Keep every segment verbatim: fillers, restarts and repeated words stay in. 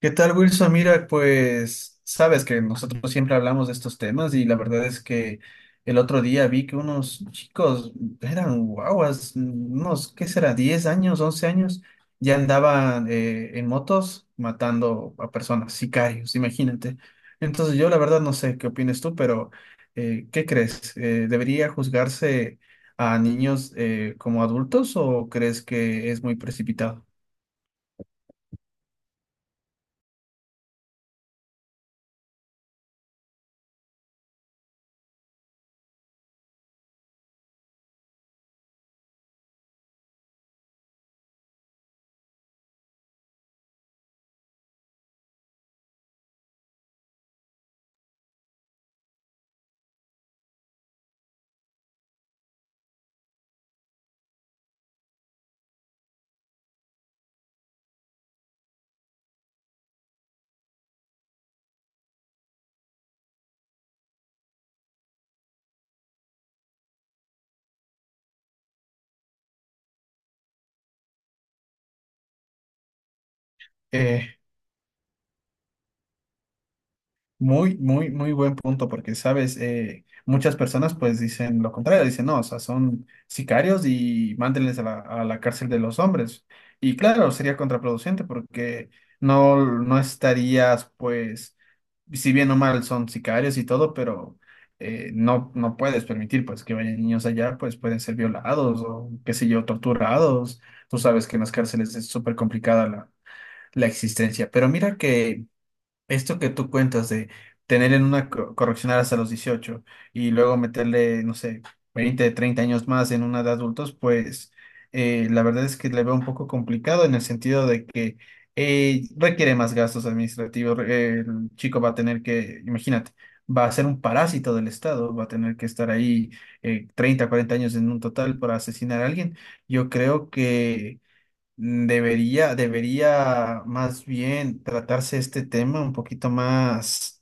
¿Qué tal, Wilson? Mira, pues sabes que nosotros siempre hablamos de estos temas y la verdad es que el otro día vi que unos chicos eran guaguas, unos, ¿qué será? Diez años, once años, ya andaban eh, en motos matando a personas, sicarios, imagínate. Entonces yo la verdad no sé qué opinas tú, pero eh, ¿qué crees? Eh, ¿debería juzgarse a niños eh, como adultos o crees que es muy precipitado? Muy, muy, muy buen punto, porque, sabes, eh, muchas personas pues dicen lo contrario, dicen, no, o sea, son sicarios y mándenles a la, a la cárcel de los hombres. Y claro, sería contraproducente porque no, no estarías pues, si bien o mal son sicarios y todo, pero eh, no, no puedes permitir pues que vayan niños allá, pues pueden ser violados o qué sé yo, torturados. Tú sabes que en las cárceles es súper complicada la, la existencia, pero mira que... Esto que tú cuentas de tener en una co- correccional hasta los dieciocho y luego meterle, no sé, veinte, treinta años más en una de adultos, pues eh, la verdad es que le veo un poco complicado en el sentido de que eh, requiere más gastos administrativos. re- El chico va a tener que, imagínate, va a ser un parásito del Estado, va a tener que estar ahí eh, treinta, cuarenta años en un total para asesinar a alguien. Yo creo que... Debería, debería más bien tratarse este tema un poquito más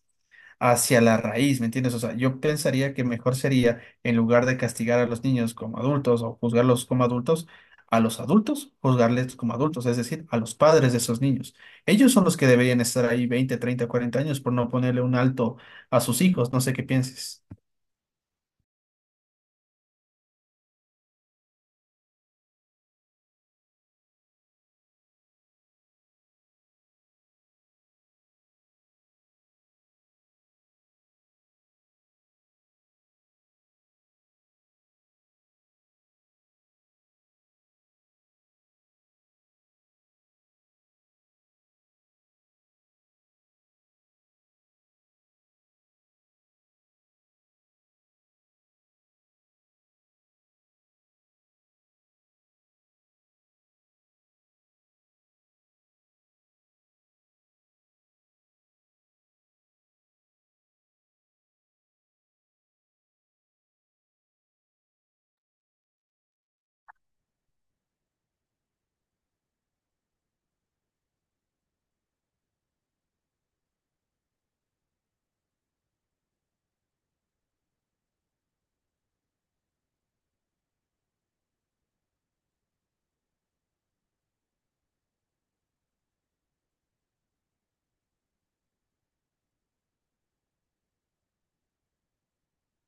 hacia la raíz, ¿me entiendes? O sea, yo pensaría que mejor sería, en lugar de castigar a los niños como adultos o juzgarlos como adultos, a los adultos juzgarles como adultos, es decir, a los padres de esos niños. Ellos son los que deberían estar ahí veinte, treinta, cuarenta años por no ponerle un alto a sus hijos, no sé qué pienses.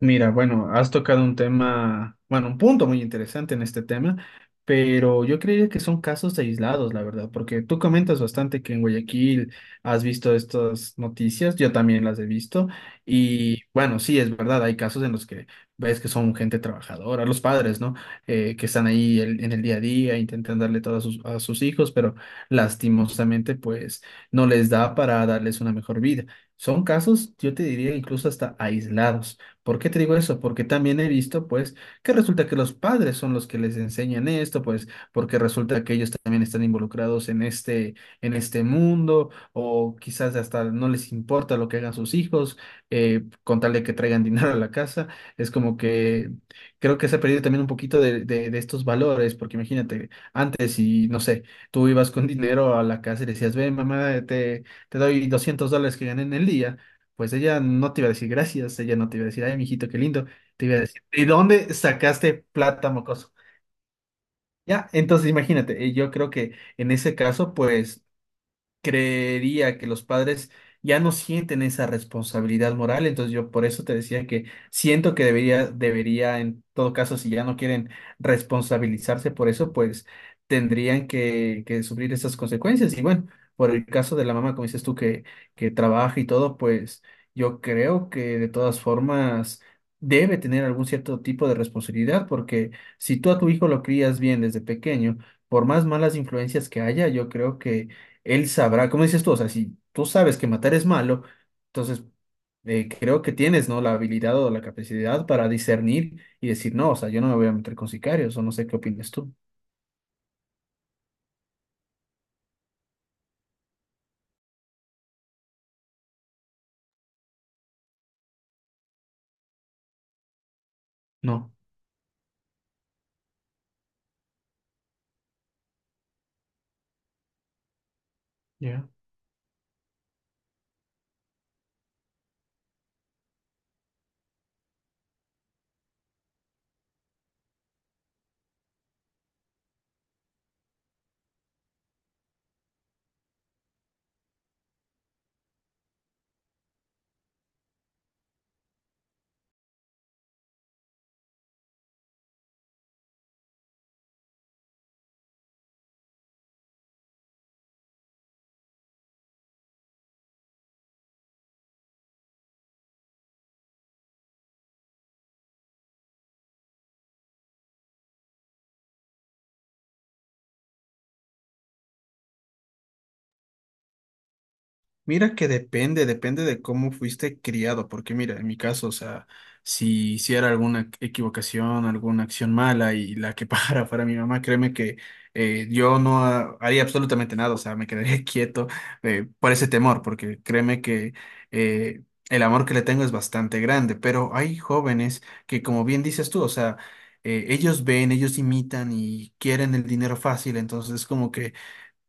Mira, bueno, has tocado un tema, bueno, un punto muy interesante en este tema, pero yo creería que son casos aislados, la verdad, porque tú comentas bastante que en Guayaquil has visto estas noticias, yo también las he visto, y bueno, sí, es verdad, hay casos en los que ves que son gente trabajadora, los padres, ¿no? Eh, que están ahí el- en el día a día, intentan darle todo a sus, a sus hijos, pero lastimosamente, pues, no les da para darles una mejor vida. Son casos, yo te diría, incluso hasta aislados. ¿Por qué te digo eso? Porque también he visto, pues, que resulta que los padres son los que les enseñan esto, pues, porque resulta que ellos también están involucrados en este, en este mundo, o quizás hasta no les importa lo que hagan sus hijos, eh, con tal de que traigan dinero a la casa. Es como que creo que se ha perdido también un poquito de, de, de estos valores, porque imagínate, antes y no sé, tú ibas con dinero a la casa y decías, ven, mamá, te, te doy doscientos dólares que gané en el día, pues ella no te iba a decir gracias, ella no te iba a decir, ay, mijito, qué lindo, te iba a decir, ¿de dónde sacaste plata, mocoso? Ya, entonces imagínate, eh, yo creo que en ese caso, pues creería que los padres ya no sienten esa responsabilidad moral, entonces yo por eso te decía que siento que debería, debería, en todo caso, si ya no quieren responsabilizarse por eso, pues tendrían que, que sufrir esas consecuencias. Y bueno, por el caso de la mamá, como dices tú, que, que trabaja y todo, pues yo creo que de todas formas... debe tener algún cierto tipo de responsabilidad, porque si tú a tu hijo lo crías bien desde pequeño, por más malas influencias que haya, yo creo que él sabrá, como dices tú, o sea, si tú sabes que matar es malo, entonces eh, creo que tienes, ¿no? La habilidad o la capacidad para discernir y decir, no, o sea, yo no me voy a meter con sicarios, o no sé qué opinas tú. No. Ya. Mira que depende, depende de cómo fuiste criado, porque mira, en mi caso, o sea, si hiciera alguna equivocación, alguna acción mala y la que para fuera mi mamá, créeme que eh, yo no ha- haría absolutamente nada, o sea, me quedaría quieto eh, por ese temor, porque créeme que eh, el amor que le tengo es bastante grande, pero hay jóvenes que, como bien dices tú, o sea, eh, ellos ven, ellos imitan y quieren el dinero fácil, entonces como que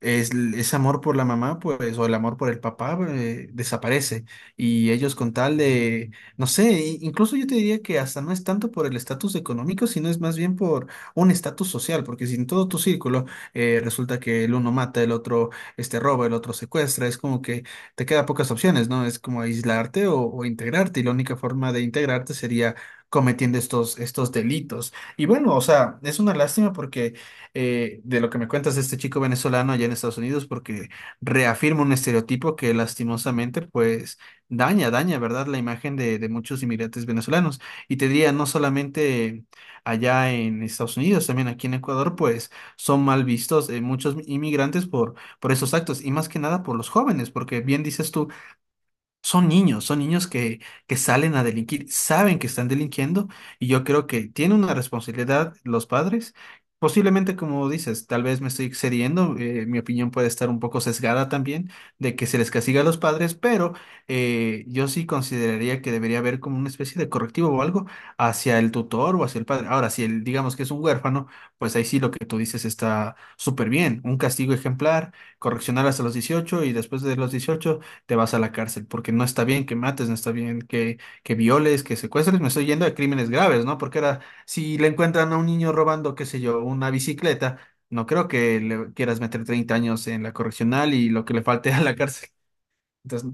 es, ese amor por la mamá, pues, o el amor por el papá, eh, desaparece. Y ellos con tal de, no sé, i- incluso yo te diría que hasta no es tanto por el estatus económico, sino es más bien por un estatus social, porque si en todo tu círculo eh, resulta que el uno mata, el otro este, roba, el otro secuestra, es como que te queda pocas opciones, ¿no? Es como aislarte o, o integrarte, y la única forma de integrarte sería cometiendo estos, estos delitos. Y bueno, o sea, es una lástima porque eh, de lo que me cuentas de este chico venezolano allá en Estados Unidos, porque reafirma un estereotipo que lastimosamente pues daña, daña, ¿verdad? La imagen de, de muchos inmigrantes venezolanos. Y te diría, no solamente allá en Estados Unidos, también aquí en Ecuador, pues son mal vistos eh, muchos inmigrantes por, por esos actos, y más que nada por los jóvenes, porque bien dices tú, son niños, son niños que, que salen a delinquir, saben que están delinquiendo y yo creo que tiene una responsabilidad los padres. Posiblemente, como dices, tal vez me estoy excediendo, eh, mi opinión puede estar un poco sesgada también de que se les castiga a los padres, pero eh, yo sí consideraría que debería haber como una especie de correctivo o algo hacia el tutor o hacia el padre. Ahora, si él, digamos que es un huérfano, pues ahí sí lo que tú dices está súper bien, un castigo ejemplar, correccionar hasta los dieciocho y después de los dieciocho te vas a la cárcel, porque no está bien que mates, no está bien que, que violes, que secuestres, me estoy yendo a crímenes graves, ¿no? Porque ahora, si le encuentran a un niño robando, qué sé yo, una bicicleta, no creo que le quieras meter treinta años en la correccional y lo que le falte a la cárcel. Entonces,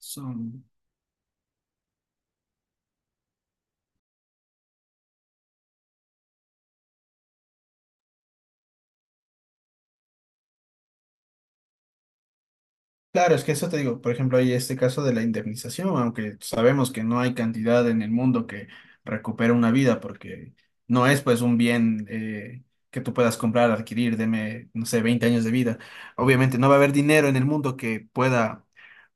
son Claro, es que eso te digo, por ejemplo, hay este caso de la indemnización, aunque sabemos que no hay cantidad en el mundo que recupere una vida, porque no es pues un bien eh, que tú puedas comprar, adquirir, deme, no sé, veinte años de vida. Obviamente no va a haber dinero en el mundo que pueda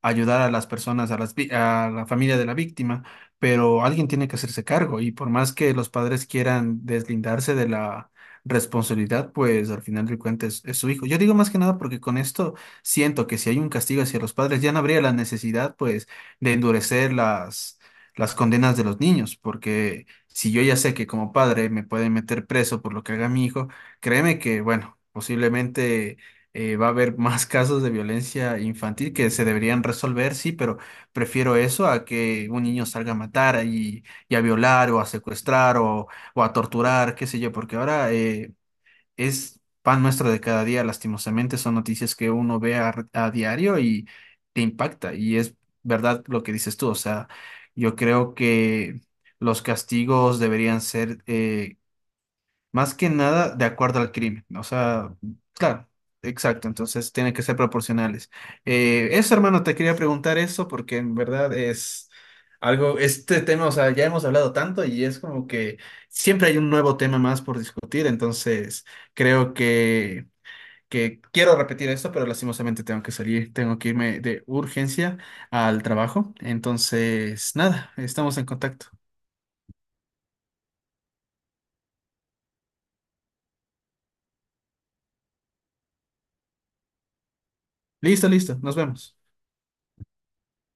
ayudar a las personas, a las, vi- a la familia de la víctima, pero alguien tiene que hacerse cargo y por más que los padres quieran deslindarse de la responsabilidad, pues al final del cuentas es es su hijo. Yo digo más que nada porque con esto siento que si hay un castigo hacia los padres, ya no habría la necesidad, pues, de endurecer las, las condenas de los niños, porque si yo ya sé que como padre me pueden meter preso por lo que haga mi hijo, créeme que, bueno, posiblemente eh, va a haber más casos de violencia infantil que se deberían resolver, sí, pero prefiero eso a que un niño salga a matar y, y a violar o a secuestrar o, o a torturar, qué sé yo, porque ahora... eh, es pan nuestro de cada día, lastimosamente, son noticias que uno ve a, a diario y te impacta. Y es verdad lo que dices tú, o sea, yo creo que los castigos deberían ser... eh, más que nada de acuerdo al crimen. O sea, claro, exacto. Entonces tienen que ser proporcionales. Eh, eso, hermano, te quería preguntar eso porque en verdad es algo, este tema, o sea, ya hemos hablado tanto y es como que siempre hay un nuevo tema más por discutir. Entonces creo que, que quiero repetir esto, pero lastimosamente tengo que salir, tengo que irme de urgencia al trabajo. Entonces, nada, estamos en contacto. Listo, listo, nos vemos.